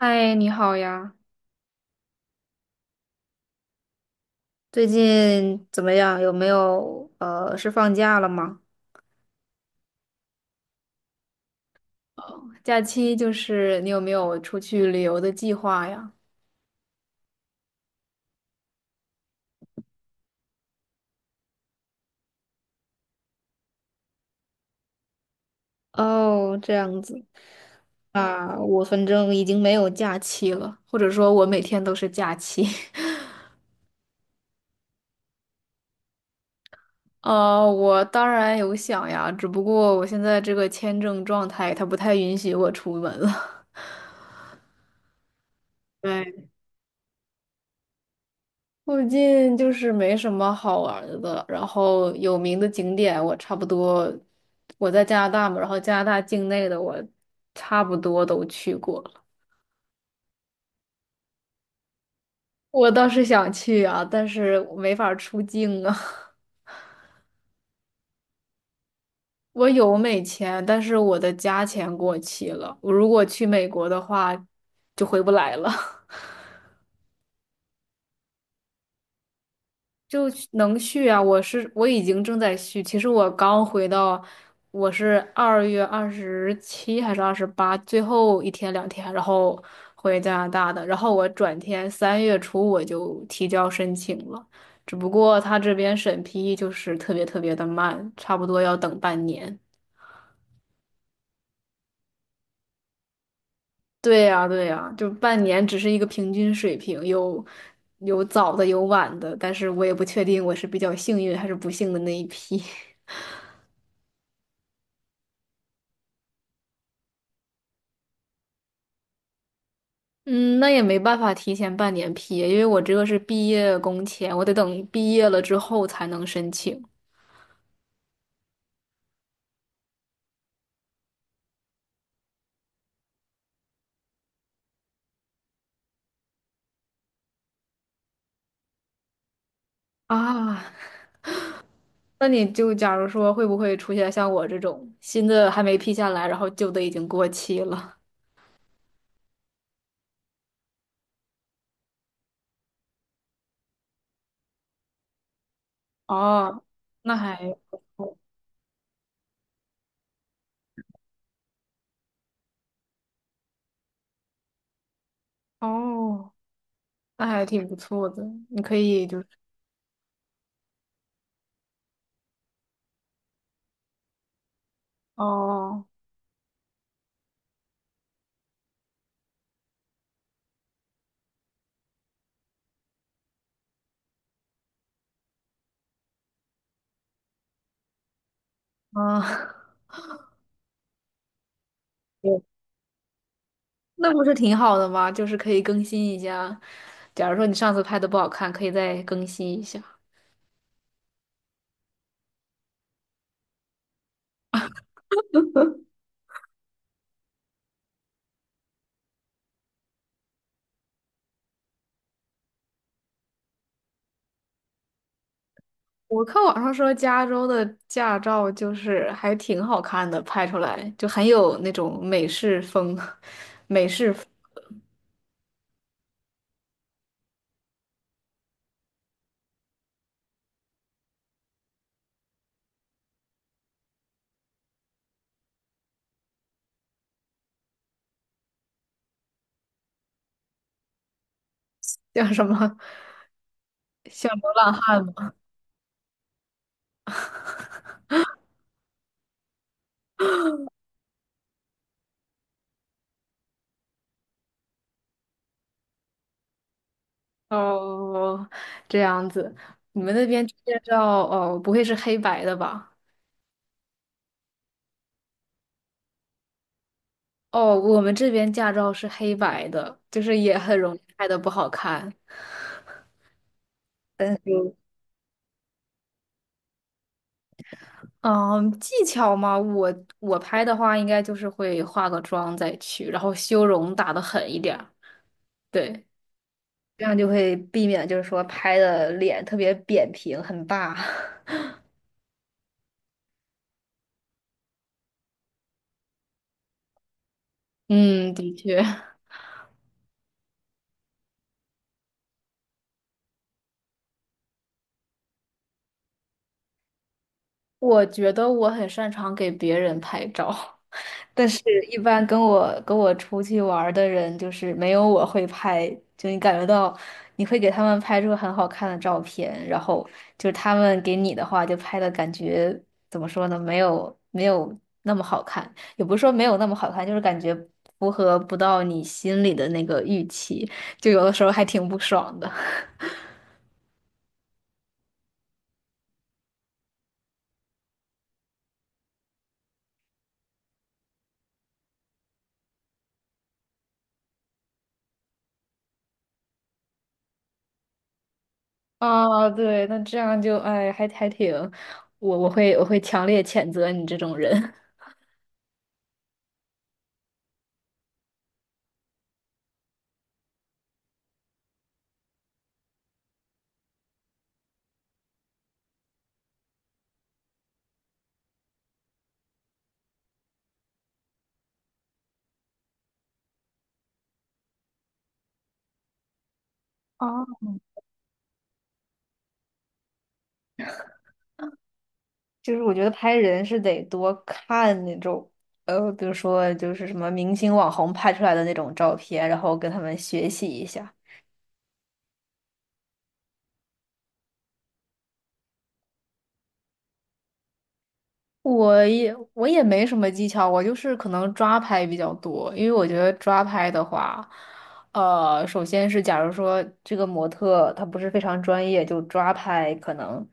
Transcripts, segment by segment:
嗨，你好呀，最近怎么样？有没有是放假了吗？假期就是你有没有出去旅游的计划呀？哦，这样子啊，我反正已经没有假期了。或者说我每天都是假期？哦，我当然有想呀，只不过我现在这个签证状态它不太允许我出门了。对。附近就是没什么好玩儿的，然后有名的景点我差不多，我在加拿大嘛，然后加拿大境内的我差不多都去过了。我倒是想去啊，但是我没法儿出境啊。我有美签，但是我的加签过期了，我如果去美国的话，就回不来了。就能续啊！我已经正在续，其实我刚回到，我是2月27还是28最后一天两天，然后回加拿大的，然后我转天3月初我就提交申请了，只不过他这边审批就是特别的慢，差不多要等半年。对呀，对呀，就半年只是一个平均水平，有早的有晚的，但是我也不确定我是比较幸运还是不幸的那一批。嗯，那也没办法提前半年批，因为我这个是毕业工签，我得等毕业了之后才能申请啊。那你就假如说会不会出现像我这种新的还没批下来，然后旧的已经过期了？哦，那还哦，那还挺不错的，你可以就是哦啊，对，那不是挺好的吗？就是可以更新一下。假如说你上次拍的不好看，可以再更新一下。我看网上说加州的驾照就是还挺好看的，拍出来就很有那种美式风，美式风叫什么？像流浪汉吗？哦，这样子，你们那边驾照哦，不会是黑白的吧？哦，我们这边驾照是黑白的，就是也很容易拍的不好看。但是，嗯，技巧嘛，我拍的话，应该就是会化个妆再去，然后修容打的狠一点儿。对，这样就会避免就是说拍的脸特别扁平，很大。嗯，的确，我觉得我很擅长给别人拍照。但是，一般跟我出去玩儿的人，就是没有我会拍，就你感觉到你会给他们拍出很好看的照片，然后就是他们给你的话，就拍的感觉怎么说呢？没有那么好看，也不是说没有那么好看，就是感觉符合不到你心里的那个预期，就有的时候还挺不爽的。啊，对，那这样就哎，还还挺，我我会我会强烈谴责你这种人。啊。就是我觉得拍人是得多看那种，比如说就是什么明星网红拍出来的那种照片，然后跟他们学习一下。我也没什么技巧，我就是可能抓拍比较多，因为我觉得抓拍的话，首先是假如说这个模特她不是非常专业，就抓拍可能，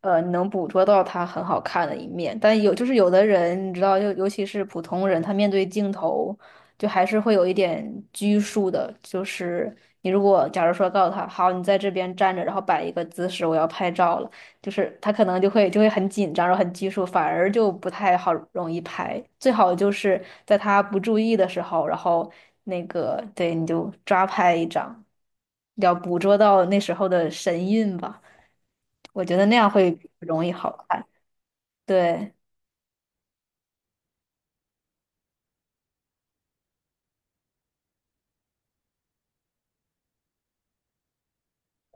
你能捕捉到他很好看的一面，但有就是有的人你知道，就尤其是普通人，他面对镜头就还是会有一点拘束的，就是你如果假如说告诉他，好，你在这边站着，然后摆一个姿势，我要拍照了。就是他可能就会很紧张，然后很拘束，反而就不太好容易拍。最好就是在他不注意的时候，然后那个对你就抓拍一张，要捕捉到那时候的神韵吧。我觉得那样会容易好看。对，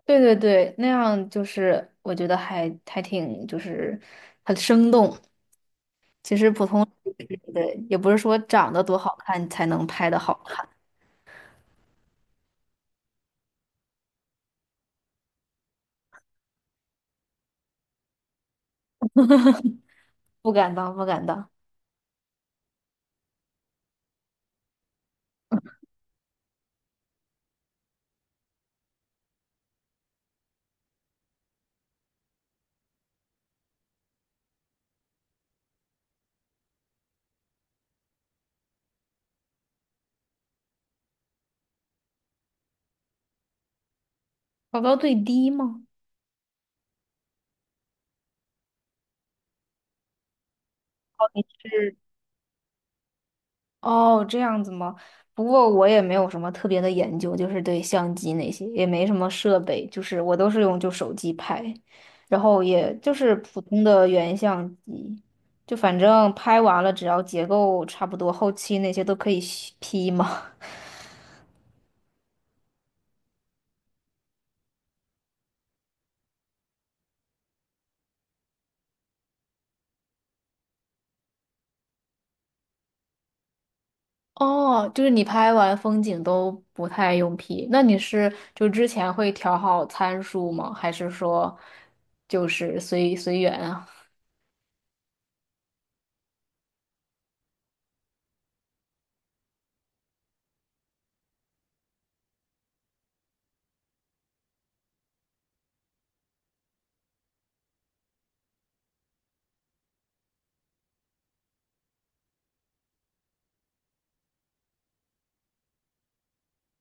对对对，那样就是我觉得还还挺就是很生动。其实普通对，也不是说长得多好看才能拍的好看，不敢当，不敢当。调到最低吗？是哦，这样子吗？不过我也没有什么特别的研究，就是对相机那些也没什么设备，就是我都是用就手机拍，然后也就是普通的原相机，就反正拍完了只要结构差不多，后期那些都可以 P 嘛。哦，就是你拍完风景都不太用 P，那你是就之前会调好参数吗？还是说就是随随缘啊？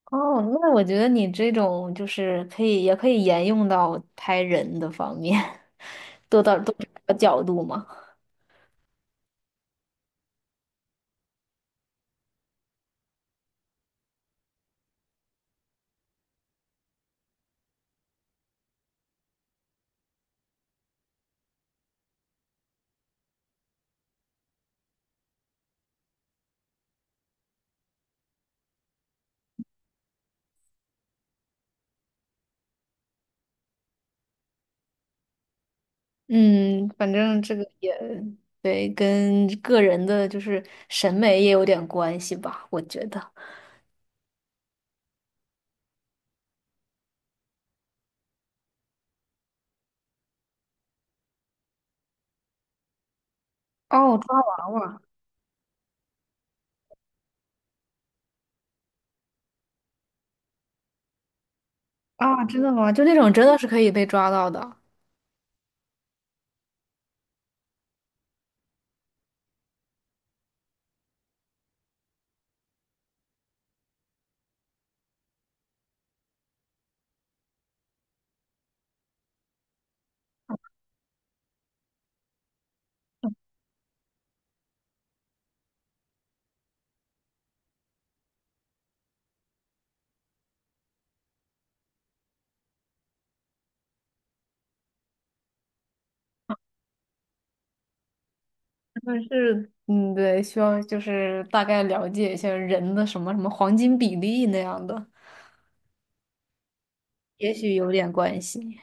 哦，那我觉得你这种就是可以，也可以沿用到拍人的方面，多到多找个角度嘛。嗯，反正这个也对，跟个人的就是审美也有点关系吧，我觉得。哦，抓娃娃啊，真的吗？就那种真的是可以被抓到的，但是嗯，对，需要就是大概了解一下人的什么什么黄金比例那样的，也许有点关系。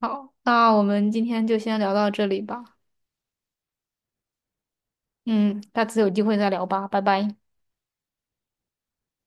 好，那我们今天就先聊到这里吧。嗯，下次有机会再聊吧，拜拜。